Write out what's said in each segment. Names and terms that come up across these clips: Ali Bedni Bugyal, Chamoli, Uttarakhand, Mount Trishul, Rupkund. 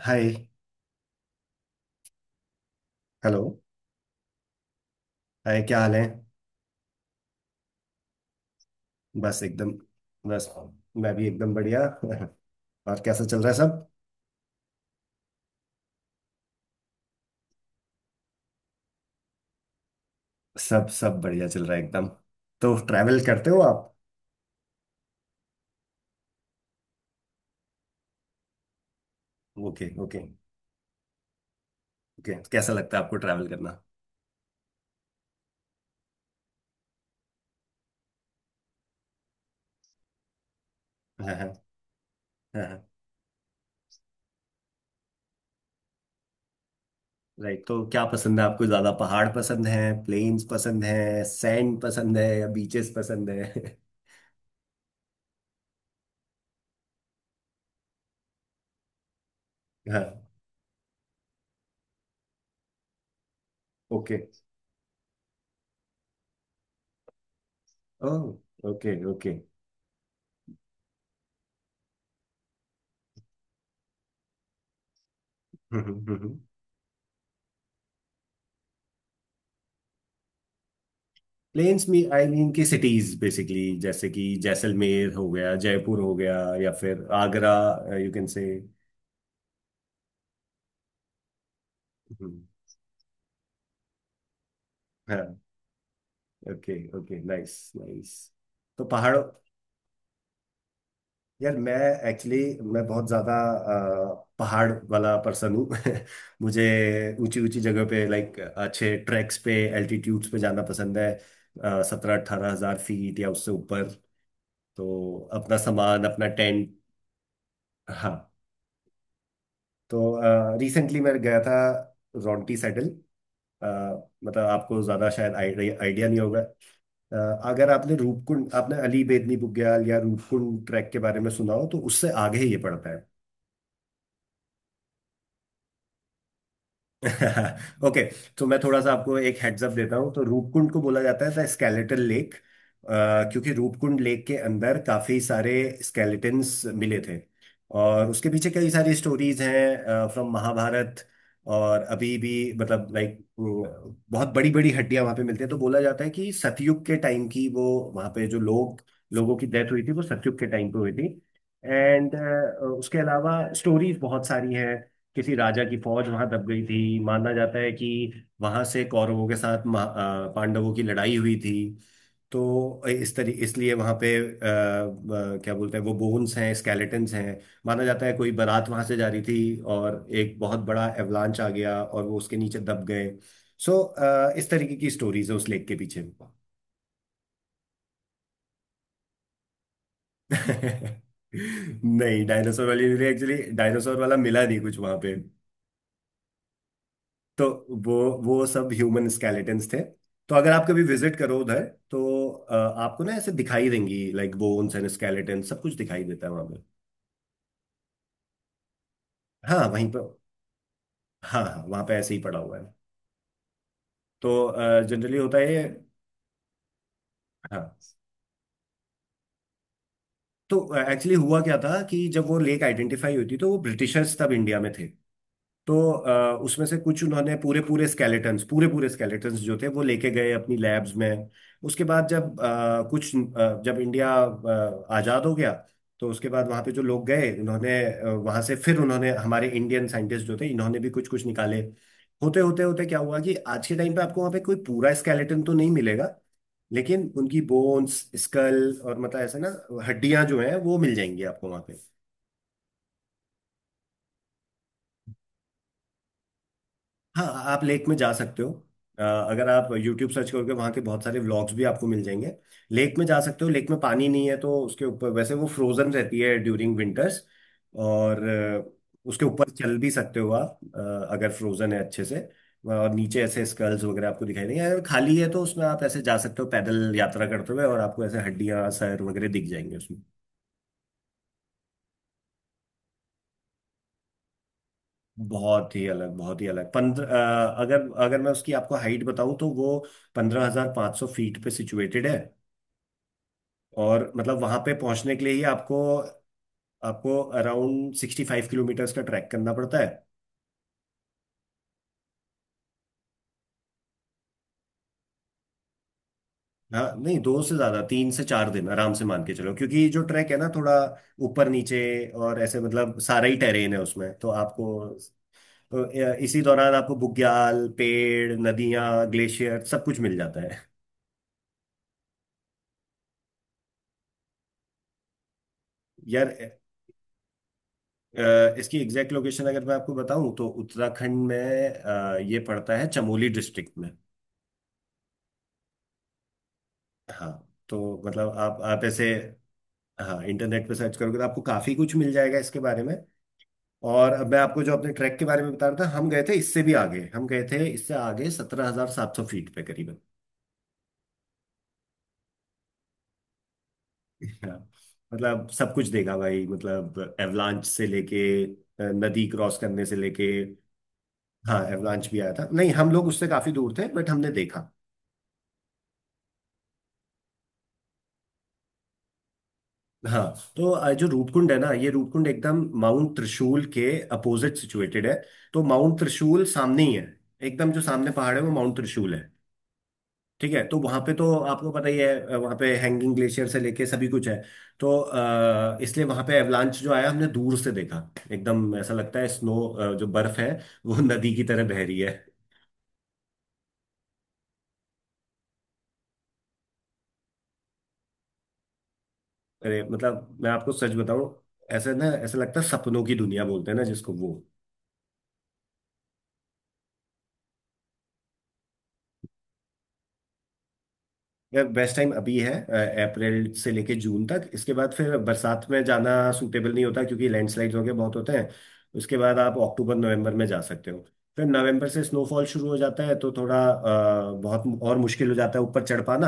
हाय। Hello. Hi, क्या हाल है? बस एकदम। बस मैं भी एकदम बढ़िया। और कैसा चल रहा है सब? सब बढ़िया चल रहा है एकदम। तो ट्रैवल करते हो आप? Okay, okay, okay. कैसा लगता है आपको ट्रैवल करना? हाँ, हाँ। हाँ, हाँ। राइट, तो क्या पसंद है आपको? ज़्यादा पहाड़ पसंद है, प्लेन्स पसंद है, सैंड पसंद है, या बीचेस पसंद है? हाँ। Okay. Oh, okay okay. Planes में, आई मीन, की सिटीज बेसिकली, जैसे कि जैसलमेर हो गया, जयपुर हो गया, या फिर आगरा। यू कैन से। हाँ। Okay okay. Nice nice. तो पहाड़ों... यार मैं... एक्चुअली मैं बहुत ज़्यादा पहाड़ वाला पर्सन हूँ। मुझे ऊंची ऊंची जगह पे, लाइक अच्छे ट्रैक्स पे, एल्टीट्यूड्स पे जाना पसंद है। 17-18 हज़ार फीट या उससे ऊपर। तो अपना सामान, अपना टेंट। हाँ। तो रिसेंटली मैं गया था रॉन्टी सेटल। मतलब आपको ज़्यादा शायद आइडिया नहीं होगा। अ, अगर आपने रूपकुंड... आपने अली बेदनी बुग्याल या रूपकुंड ट्रैक के बारे में सुना हो, तो उससे आगे ही ये पड़ता है। ओके। तो मैं थोड़ा सा आपको एक हेड्स अप देता हूँ। तो रूपकुंड को बोला जाता है द स्केलेटल लेक, क्योंकि रूपकुंड लेक के अंदर काफी सारे स्केलेटन्स मिले थे। और उसके पीछे कई सारी स्टोरीज हैं फ्रॉम महाभारत। और अभी भी मतलब लाइक बहुत बड़ी बड़ी हड्डियां वहां पे मिलती है। तो बोला जाता है कि सतयुग के टाइम की वो... वहां पे जो लोग... लोगों की डेथ हुई थी वो सतयुग के टाइम पे हुई थी। एंड उसके अलावा स्टोरीज बहुत सारी हैं। किसी राजा की फौज वहां दब गई थी। माना जाता है कि वहां से कौरवों के साथ पांडवों की लड़ाई हुई थी। तो इस तरी इसलिए वहां पे क्या बोलते हैं वो, बोन्स हैं, स्केलेटन्स हैं। माना जाता है कोई बारात वहां से जा रही थी और एक बहुत बड़ा एवलांच आ गया और वो उसके नीचे दब गए। सो इस तरीके की स्टोरीज है उस लेक के पीछे। नहीं, डायनासोर वाली... एक्चुअली डायनासोर वाला मिला नहीं कुछ वहां पे। तो वो वो सब ह्यूमन स्केलेटन्स थे। तो अगर आप कभी विजिट करो उधर तो आपको ना ऐसे दिखाई देंगी, लाइक बोन्स एंड स्केलेटन सब कुछ दिखाई देता है वहां पे। हाँ, वहीं पर। हाँ, हाँ, वहां पे ऐसे ही पड़ा हुआ है। तो जनरली होता है ये। हाँ। तो एक्चुअली हुआ क्या था कि जब वो लेक आइडेंटिफाई हुई थी, तो वो ब्रिटिशर्स तब इंडिया में थे। तो उसमें से कुछ उन्होंने पूरे पूरे स्केलेटन्स जो थे वो लेके गए अपनी लैब्स में। उसके बाद जब इंडिया आज़ाद हो गया, तो उसके बाद वहाँ पे जो लोग गए उन्होंने वहाँ से, फिर उन्होंने, हमारे इंडियन साइंटिस्ट जो थे इन्होंने भी कुछ कुछ निकाले। होते होते होते क्या हुआ कि आज के टाइम पे आपको वहाँ पे कोई पूरा स्केलेटन तो नहीं मिलेगा, लेकिन उनकी बोन्स, स्कल और मतलब ऐसे ना हड्डियां जो हैं वो मिल जाएंगी आपको वहाँ पे। हाँ। आप लेक में जा सकते हो। अगर आप YouTube सर्च करोगे, वहाँ के बहुत सारे व्लॉग्स भी आपको मिल जाएंगे। लेक में जा सकते हो। लेक में पानी नहीं है तो उसके ऊपर वैसे वो फ्रोजन रहती है ड्यूरिंग विंटर्स। और उसके ऊपर चल भी सकते हो आप, अगर फ्रोजन है अच्छे से। और नीचे ऐसे स्कल्स वगैरह आपको दिखाई देंगे, अगर खाली है तो उसमें आप ऐसे जा सकते हो पैदल यात्रा करते हुए, और आपको ऐसे हड्डियाँ सर वगैरह दिख जाएंगे। बहुत ही अलग, बहुत ही अलग। पंद्रह... अगर अगर मैं उसकी आपको हाइट बताऊं तो वो 15,500 फीट पे सिचुएटेड है। और मतलब वहां पे पहुंचने के लिए ही आपको... अराउंड 65 किलोमीटर्स का ट्रैक करना पड़ता है। हाँ नहीं, 2 से ज्यादा, 3 से 4 दिन आराम से मान के चलो, क्योंकि जो ट्रैक है ना थोड़ा ऊपर नीचे, और ऐसे मतलब सारा ही टेरेन है उसमें तो आपको... तो इसी दौरान आपको बुग्याल, पेड़, नदियां, ग्लेशियर सब कुछ मिल जाता है। यार इसकी एग्जैक्ट लोकेशन अगर मैं आपको बताऊं तो उत्तराखंड में, ये पड़ता है चमोली डिस्ट्रिक्ट में। हाँ। तो मतलब आप ऐसे... हाँ, इंटरनेट पे सर्च करोगे तो आपको काफी कुछ मिल जाएगा इसके बारे में। और अब मैं आपको जो अपने ट्रैक के बारे में बता रहा था, हम गए थे इससे भी आगे, हम गए थे इससे आगे 17,700 फीट पे करीबन। हाँ। मतलब सब कुछ देखा भाई, मतलब एवलांच से लेके नदी क्रॉस करने से लेके। हाँ, एवलांच भी आया था। नहीं हम लोग उससे काफी दूर थे बट हमने देखा। हाँ। तो जो रूपकुंड है ना, ये रूपकुंड एकदम माउंट त्रिशूल के अपोजिट सिचुएटेड है। तो माउंट त्रिशूल सामने ही है, एकदम जो सामने पहाड़ है वो माउंट त्रिशूल है। ठीक है। तो वहां पे तो आपको पता ही है वहां पे हैंगिंग ग्लेशियर से लेके सभी कुछ है। तो इसलिए वहां पे एवलांच जो आया हमने दूर से देखा। एकदम ऐसा लगता है स्नो जो बर्फ है, वो नदी की तरह बह रही है। अरे, मतलब मैं आपको सच बताऊं, ऐसे ना ऐसा लगता है सपनों की दुनिया बोलते हैं ना जिसको, वो। यार बेस्ट टाइम अभी है, अप्रैल से लेके जून तक। इसके बाद फिर बरसात में जाना सूटेबल नहीं होता, क्योंकि लैंडस्लाइड्स वगैरह बहुत होते हैं। उसके बाद आप अक्टूबर नवंबर में जा सकते हो। फिर नवंबर से स्नोफॉल शुरू हो जाता है, तो थोड़ा बहुत और मुश्किल हो जाता है ऊपर चढ़ पाना।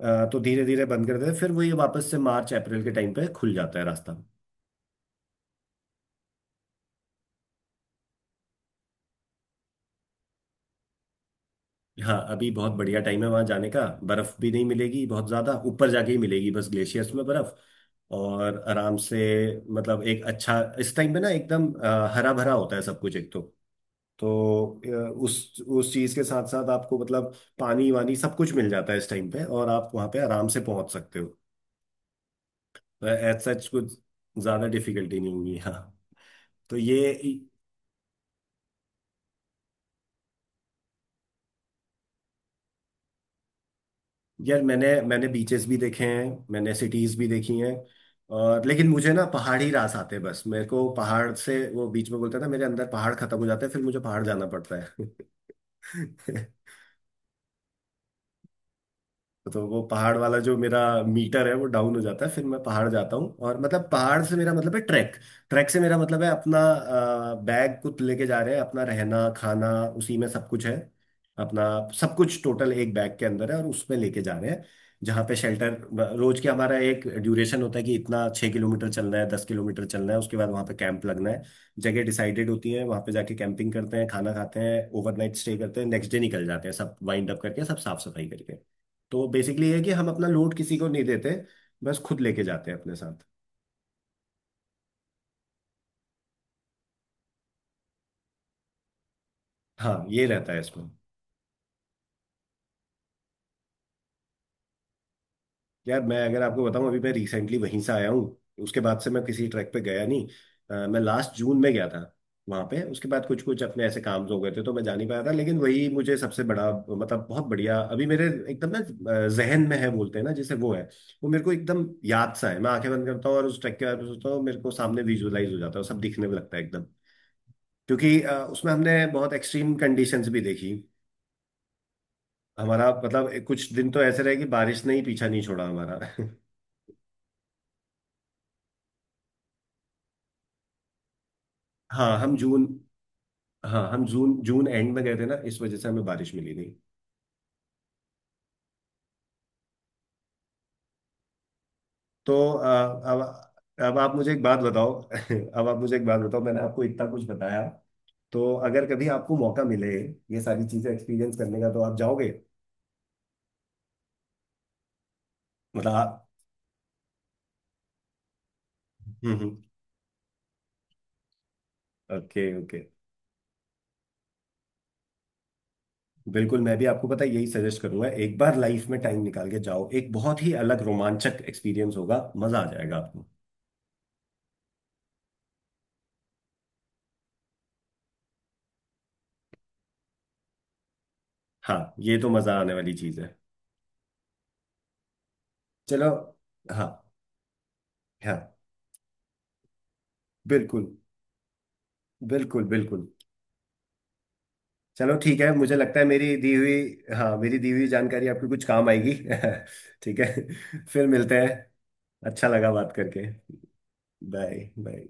तो धीरे धीरे बंद कर देते हैं, फिर वही वापस से मार्च अप्रैल के टाइम पे खुल जाता है रास्ता। हाँ, अभी बहुत बढ़िया टाइम है वहां जाने का। बर्फ भी नहीं मिलेगी, बहुत ज्यादा ऊपर जाके ही मिलेगी बस, ग्लेशियर्स में बर्फ। और आराम से, मतलब एक अच्छा... इस टाइम पे ना एकदम हरा भरा होता है सब कुछ एक तो। तो उस चीज के साथ साथ आपको मतलब पानी वानी सब कुछ मिल जाता है इस टाइम पे, और आप वहां पे आराम से पहुंच सकते हो। एज सच कुछ ज्यादा डिफिकल्टी नहीं होगी। हाँ। तो ये... यार मैंने मैंने बीचेस भी देखे हैं, मैंने सिटीज भी देखी हैं। और लेकिन मुझे ना पहाड़ी रास आते हैं बस। मेरे को पहाड़ से वो बीच में बोलता है ना, मेरे अंदर पहाड़ खत्म हो जाते हैं फिर मुझे पहाड़ जाना पड़ता है। तो वो पहाड़ वाला जो मेरा मीटर है वो डाउन हो जाता है, फिर मैं पहाड़ जाता हूँ। और मतलब पहाड़ से मेरा मतलब है ट्रैक। ट्रैक से मेरा मतलब है अपना बैग कुछ लेके जा रहे हैं, अपना रहना खाना उसी में सब कुछ है। अपना सब कुछ टोटल एक बैग के अंदर है और उसमें लेके जा रहे हैं। जहाँ पे शेल्टर... रोज के हमारा एक ड्यूरेशन होता है कि इतना 6 किलोमीटर चलना है, 10 किलोमीटर चलना है, उसके बाद वहाँ पे कैंप लगना है। जगह डिसाइडेड होती है, वहाँ पे जाके कैंपिंग करते हैं, खाना खाते हैं, ओवरनाइट स्टे करते हैं, नेक्स्ट डे निकल जाते हैं सब वाइंड अप करके, सब साफ सफाई करके। तो बेसिकली है कि हम अपना लोड किसी को नहीं देते, बस खुद लेके जाते हैं अपने साथ। हाँ, ये रहता है इसमें। यार मैं अगर आपको बताऊं, अभी मैं रिसेंटली वहीं से आया हूँ, उसके बाद से मैं किसी ट्रैक पे गया नहीं। मैं लास्ट जून में गया था वहां पे, उसके बाद कुछ कुछ अपने ऐसे काम हो गए थे तो मैं जा नहीं पाया था। लेकिन वही मुझे सबसे बड़ा, मतलब बहुत बढ़िया, अभी मेरे एकदम ना जहन में है, बोलते हैं ना जैसे, वो है। वो मेरे को एकदम याद सा है। मैं आंखें बंद करता हूँ और उस ट्रैक के बारे में सोचता हूँ, मेरे को सामने विजुअलाइज हो जाता है, और सब दिखने में लगता है एकदम। क्योंकि उसमें हमने बहुत एक्सट्रीम कंडीशंस भी देखी। हमारा मतलब कुछ दिन तो ऐसे रहे कि बारिश ने ही पीछा नहीं छोड़ा हमारा। हाँ, हम जून... हाँ, हम जून जून एंड में गए थे ना, इस वजह से हमें बारिश मिली नहीं। तो अब अब आप मुझे एक बात बताओ। अब आप मुझे एक बात बताओ, मैंने आपको इतना कुछ बताया, तो अगर कभी आपको मौका मिले ये सारी चीजें एक्सपीरियंस करने का, तो आप जाओगे? मतलब आप... हम्म। Okay okay. बिल्कुल, मैं भी आपको पता है यही सजेस्ट करूंगा, एक बार लाइफ में टाइम निकाल के जाओ, एक बहुत ही अलग रोमांचक एक्सपीरियंस होगा, मजा आ जाएगा आपको। हाँ, ये तो मजा आने वाली चीज है। चलो। हाँ। हाँ। बिल्कुल, बिल्कुल, बिल्कुल। चलो ठीक है, मुझे लगता है मेरी दी हुई... हाँ, मेरी दी हुई जानकारी आपको कुछ काम आएगी। ठीक है, फिर मिलते हैं। अच्छा लगा बात करके। Bye bye.